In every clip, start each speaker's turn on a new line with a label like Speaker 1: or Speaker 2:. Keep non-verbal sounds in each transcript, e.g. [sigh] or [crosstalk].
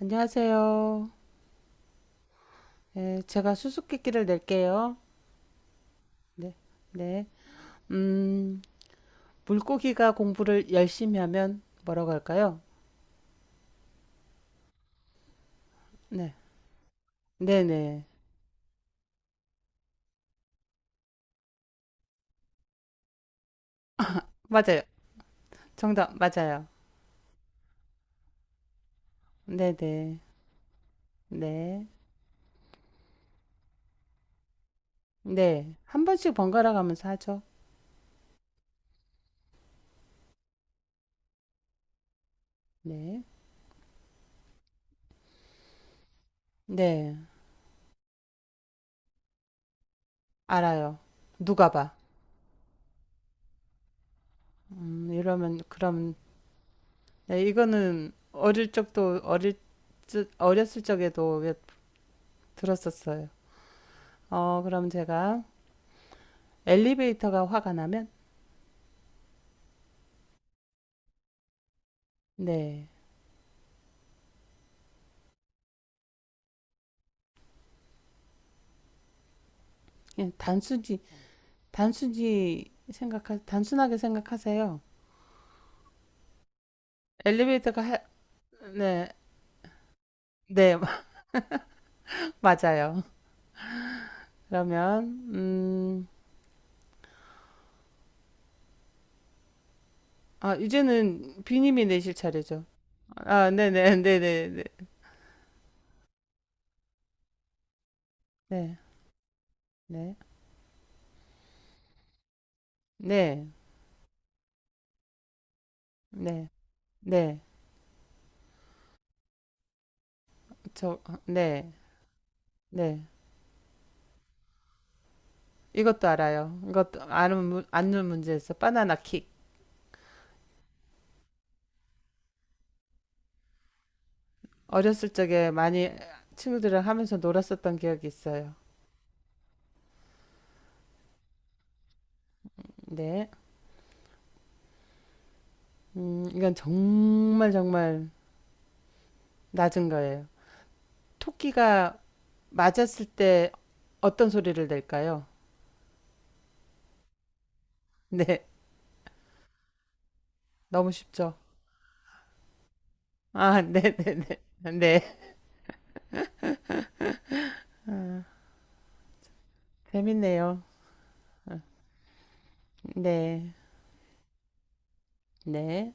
Speaker 1: 안녕하세요. 네, 제가 수수께끼를 낼게요. 네, 네. 음, 물고기가 공부를 열심히 하면 뭐라고 할까요? 네, 네네. 맞아요. 정답, 맞아요. 네네. 네, 네. 네. 한 번씩 번갈아 가면서 하죠. 네, 네. 알아요. 누가 봐. 이러면, 그럼, 네, 이거는 어릴 적도, 어릴, 적- 어렸을 적에도 왜 들었었어요. 그럼 제가, 엘리베이터가 화가 나면, 네, 그냥 단순히 생각하 단순하게 생각하세요. 엘리베이터가 네, 네 [laughs] 맞아요. 그러면 음, 아, 이제는 비님이 내실 차례죠. 아, 네네, 네네. 네네네네네저네네. 이것도 알아요. 이것도 아는 문제에서 바나나 킥. 어렸을 적에 많이 친구들이랑 하면서 놀았었던 기억이 있어요. 네. 이건 정말 정말 낮은 거예요. 토끼가 맞았을 때 어떤 소리를 낼까요? [laughs] 네, 너무 쉽죠. 아, [laughs] 네네네. 네. 네. 네. 아, 재밌네요. 아, 네, 네.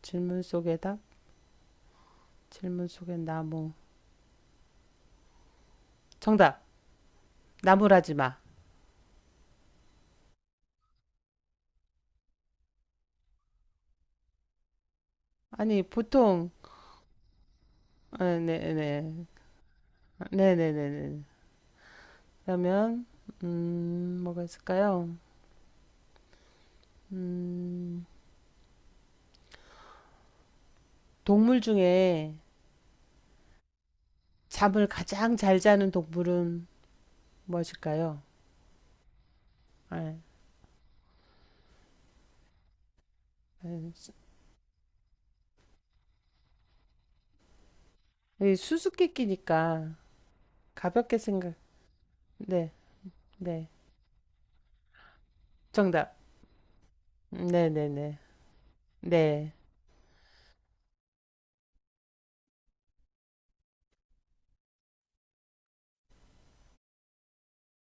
Speaker 1: 질문 속의 답, 질문 속의 나무. 정답, 나무라지 마. 아니, 보통, 아, 네네. 네네네네. 그러면, 뭐가 있을까요? 음, 동물 중에 잠을 가장 잘 자는 동물은 무엇일까요? 아, 이 수수께끼니까 가볍게 생각. 네, 네. 정답. 네, 네, 네. 네,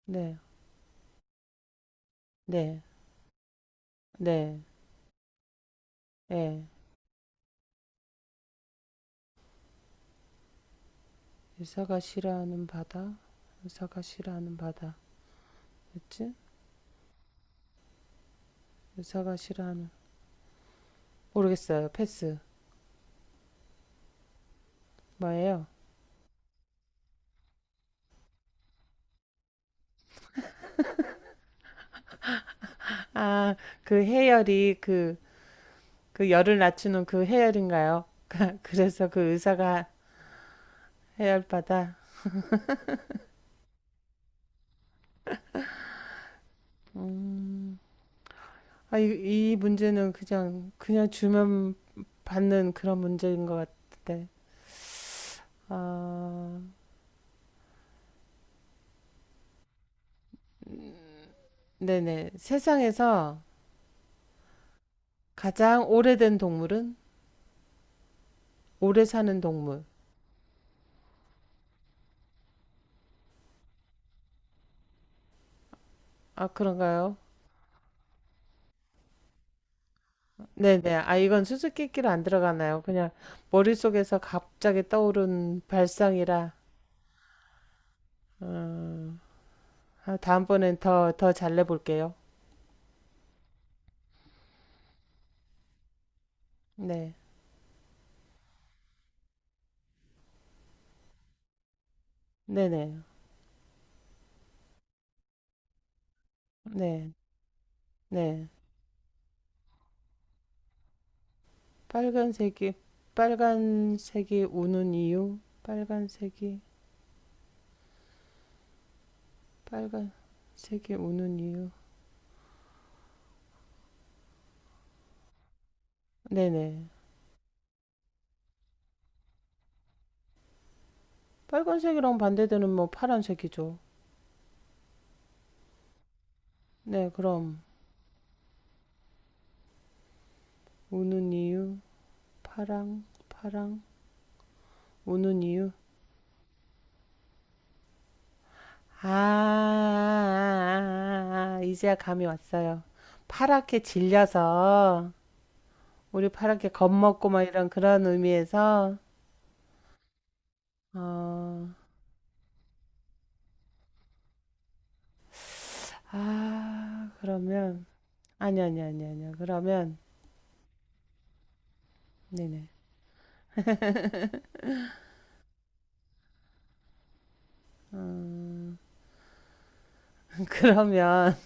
Speaker 1: 네, 네, 네. 예. 의사가 싫어하는 바다. 의사가 싫어하는 바다. 그치? 의사가 싫어하는. 모르겠어요. 패스. 뭐예요? 아, 그 해열이, 그, 그 열을 낮추는 그 해열인가요? 그래서 그 의사가 해열바다. 음. 아, 이 문제는 그냥 주면 받는 그런 문제인 것 같은데. 아, 네네. 세상에서 가장 오래된 동물은? 오래 사는 동물. 아, 그런가요? 네네. 아, 이건 수수께끼로 안 들어가나요? 그냥 머릿속에서 갑자기 떠오른 발상이라. 아, 다음번엔 더 잘 내볼게요. 네. 네네. 네. 네. 빨간색이, 빨간색이 우는 이유? 빨간색이. 빨간색이 우는 이유. 네네. 빨간색이랑 반대되는, 뭐 파란색이죠. 네, 그럼 우는 이유. 파랑, 파랑 우는 이유. 아, 아, 아, 아, 이제야 감이 왔어요. 파랗게 질려서. 우리 파랗게 겁먹고 막 이런 그런 의미에서. 어, 아, 그러면 아니, 아니, 아니, 아니, 그러면 네네. [laughs] 그러면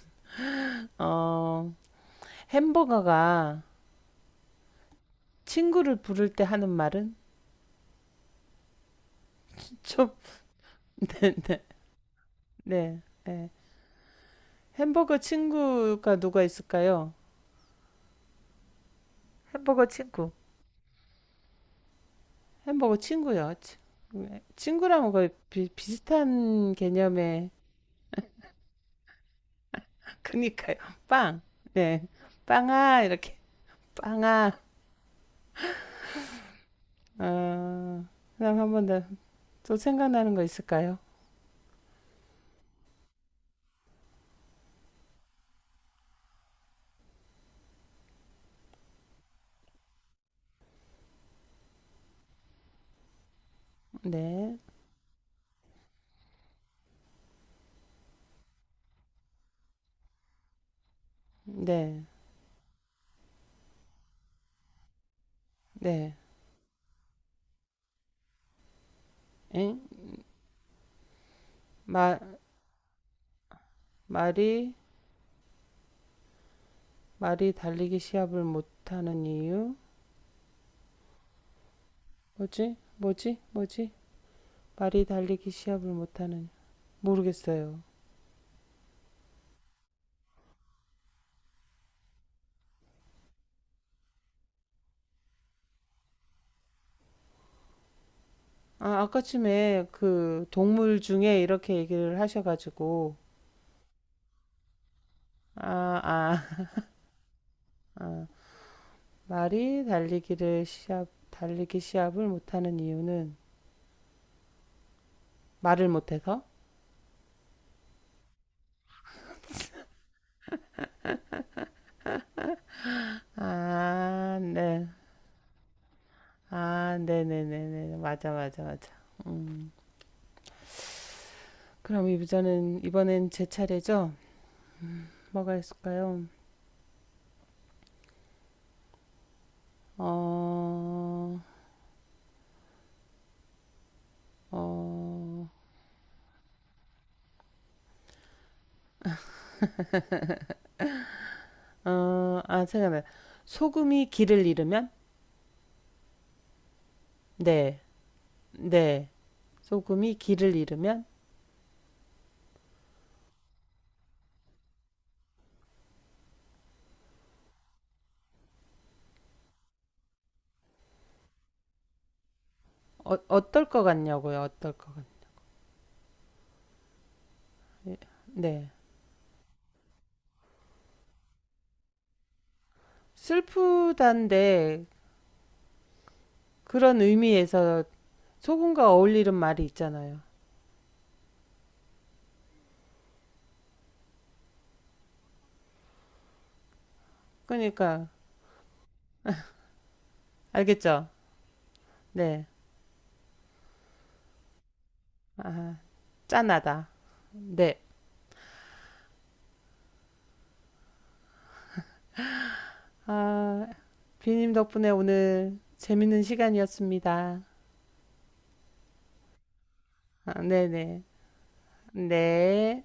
Speaker 1: 어, 햄버거가 친구를 부를 때 하는 말은 좀, 네. 예. 햄버거 친구가 누가 있을까요? 햄버거 친구. 햄버거 친구요. 네. 친구랑 거의 비슷한 개념의, 그니까요. 빵. 네. 빵아, 이렇게. 빵아. 어, 그 다음 한 번 더. 또 생각나는 거 있을까요? 네. 네. 네. 엥? 마, 말이, 말이 달리기 시합을 못하는 이유? 뭐지? 뭐지? 뭐지? 말이 달리기 시합을 못하는, 모르겠어요. 아, 아까쯤에 그 동물 중에 이렇게 얘기를 하셔가지고. 아아, 아, 아, 말이 달리기 시합을 못하는 이유는 말을 못해서. 아네아. 네네네네. 맞아, 맞아, 맞아. 음 그럼 이부자는 이번엔 제 차례죠. 뭐가 있을까요? 어 어... 아, 생각나. 소금이 길을 잃으면? 네, 네. 소금이 길을 잃으면? 어떨 것 같냐고요, 어떨 것 같... 네. 슬프단데, 그런 의미에서 소금과 어울리는 말이 있잖아요. 그러니까, 알겠죠? 네. 짠하다. 네. 아, 비님 덕분에 오늘 재밌는 시간이었습니다. 아, 네네. 네.